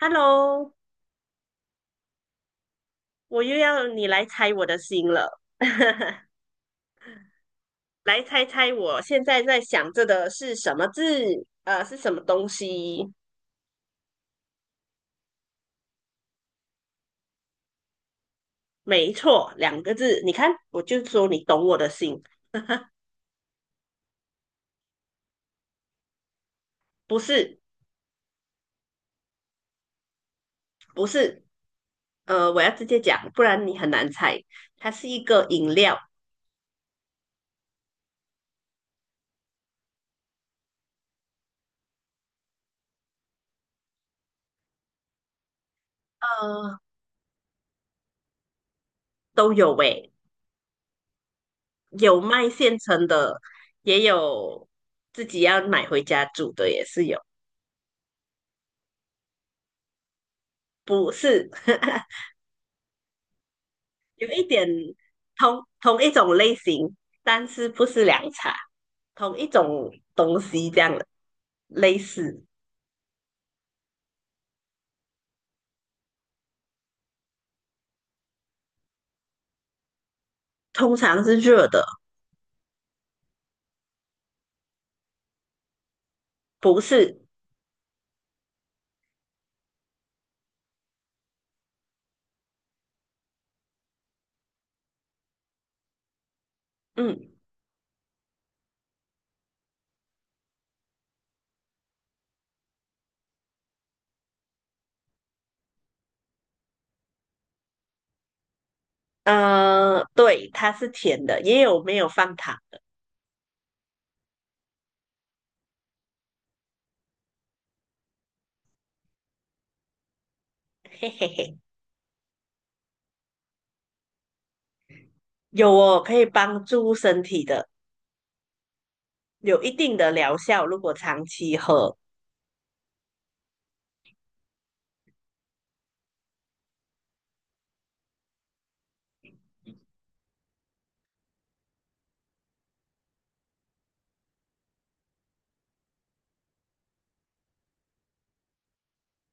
Hello，我又要你来猜我的心了，来猜猜我现在在想着的是什么字？是什么东西？没错，两个字。你看，我就说你懂我的心，不是，不是。我要直接讲，不然你很难猜。它是一个饮料，呃，都有诶，有卖现成的，也有自己要买回家煮的，也是有。不是，有一点同一种类型，但是不是凉茶，同一种东西这样的类似，通常是热的，不是，嗯对，它是甜的，也有没有放糖，嘿嘿嘿，有哦，可以帮助身体的，有一定的疗效，如果长期喝，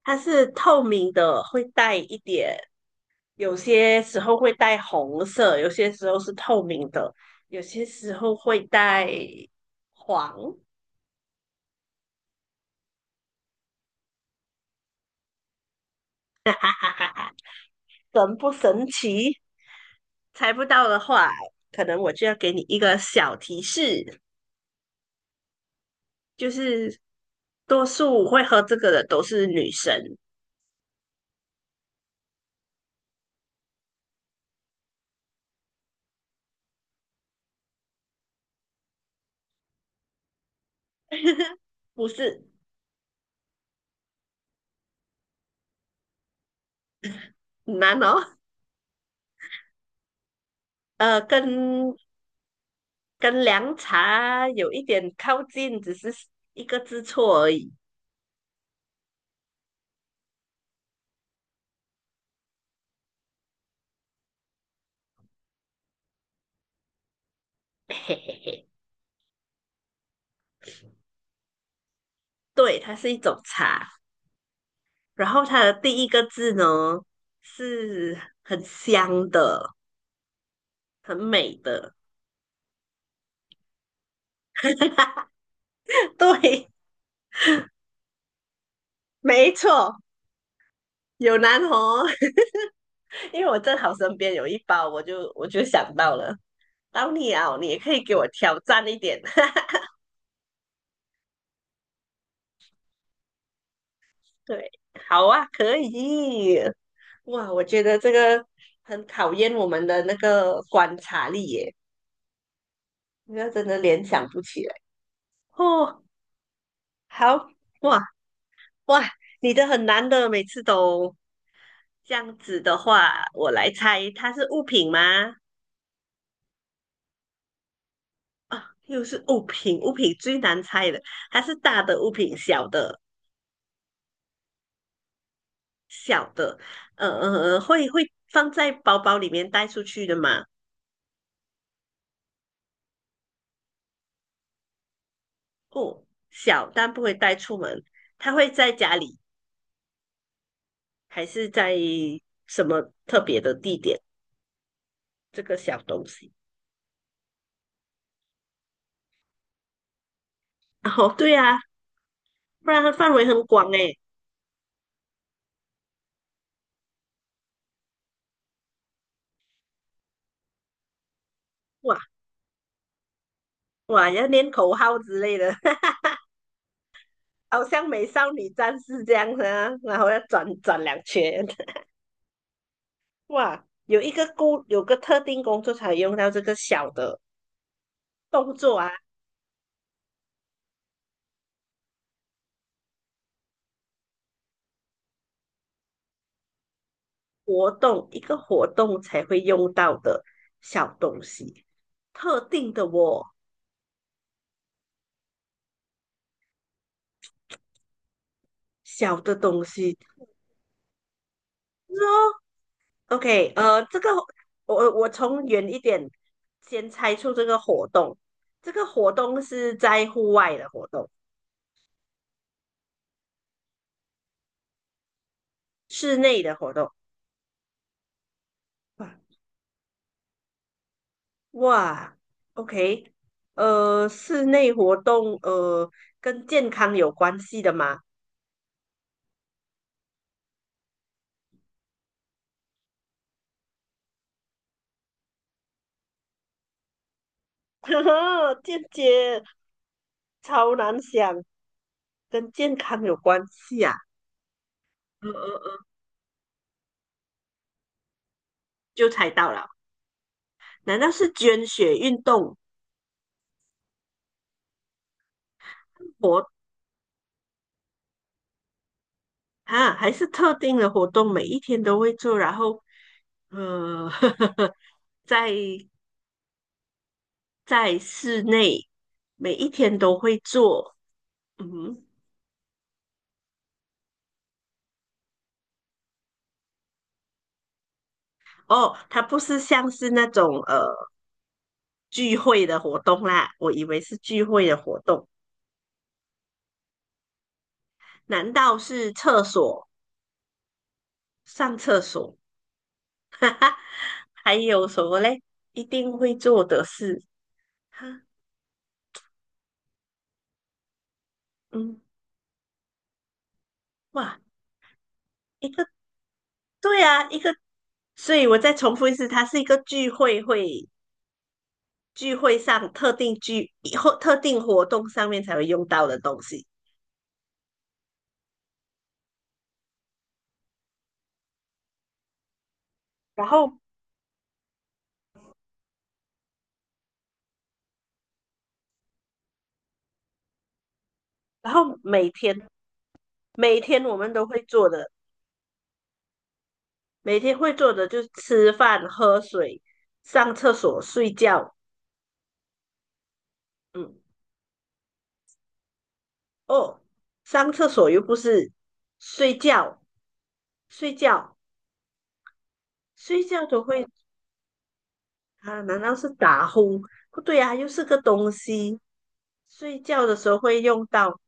它是透明的，会带一点有些时候会带红色，有些时候是透明的，有些时候会带黄，哈哈哈，神不神奇？猜不到的话，可能我就要给你一个小提示，就是多数会喝这个的都是女生，不是很难哦。呃，跟跟凉茶有一点靠近，只是一个字错而已。嘿嘿嘿，对，它是一种茶。然后它的第一个字呢是很香的，很美的。对，没错，有南红。因为我正好身边有一包，我就想到了，到你啊，你也可以给我挑战一点。对，好啊，可以。哇，我觉得这个很考验我们的那个观察力耶，那真的联想不起来。哦，好，哇哇，你的很难的，每次都。这样子的话，我来猜，它是物品吗？啊，又是物品，物品最难猜的，它是大的物品，小的？小的，会放在包包里面带出去的吗？哦，小，但不会带出门。它会在家里，还是在什么特别的地点？这个小东西。哦，对啊，不然它范围很广诶。哇哇，要念口号之类的。好像美少女战士这样子啊，然后要转转两圈，哇，有个特定工作才用到这个小的动作啊，活动一个活动才会用到的小东西，特定的哦，小的东西。就是哦，OK，这个我从远一点先猜出这个活动，这个活动是在户外的活动，室内的活动。哇哇，OK，室内活动，跟健康有关系的吗？间接，超难想，跟健康有关系啊，嗯嗯嗯，就猜到了，难道是捐血运动活啊，还是特定的活动，每一天都会做，然后，呃，在在室内每一天都会做，嗯哼。哦，它不是像是那种聚会的活动啦，我以为是聚会的活动，难道是厕所上厕所？哈哈还有什么嘞？一定会做的事，哈，嗯，哇，一个对啊，一个，所以我再重复一次，它是一个聚会会聚会上特定聚或特定活动上面才会用到的东西。然后，然后每天每天我们都会做的，每天会做的就是吃饭、喝水、上厕所、睡觉，嗯，哦，上厕所又不是睡觉，睡觉，睡觉都会啊？难道是打呼？不对啊，又是个东西。睡觉的时候会用到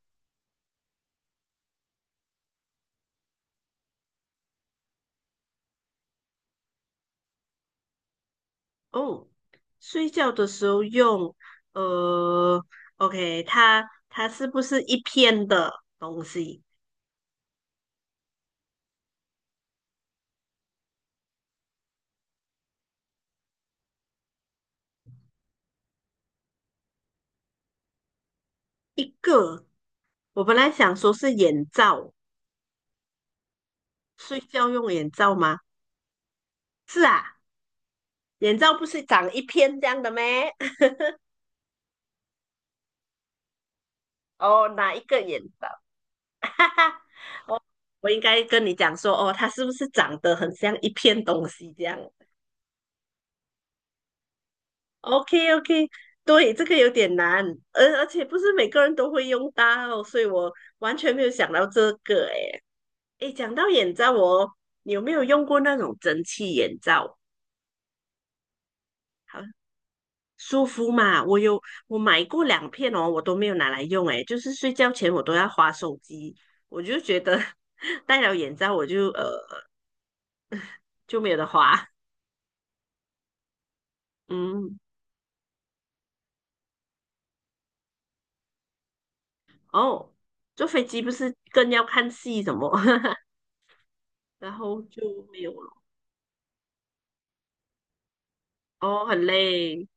哦，睡觉的时候用呃，OK，它是不是一片的东西？一个，我本来想说是眼罩，睡觉用眼罩吗？是啊，眼罩不是长一片这样的咩？哦，哪一个眼罩？哈哈。我应该跟你讲说，哦，它是不是长得很像一片东西这样？OK OK，对，这个有点难，而且不是每个人都会用到，所以我完全没有想到这个。诶诶，讲到眼罩哦，你有没有用过那种蒸汽眼罩？好舒服嘛，我买过2片哦，我都没有拿来用。诶，就是睡觉前我都要划手机，我就觉得 戴了眼罩我就就没有得划。嗯，哦，坐飞机不是更要看戏什么，然后就没有了。哦，很累，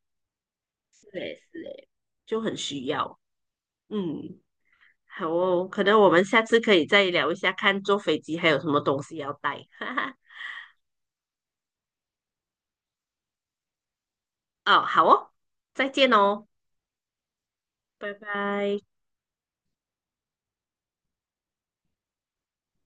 是嘞，是嘞，就很需要。嗯，好哦，可能我们下次可以再聊一下，看坐飞机还有什么东西要带。哈哈，哦，好哦，再见哦，拜拜。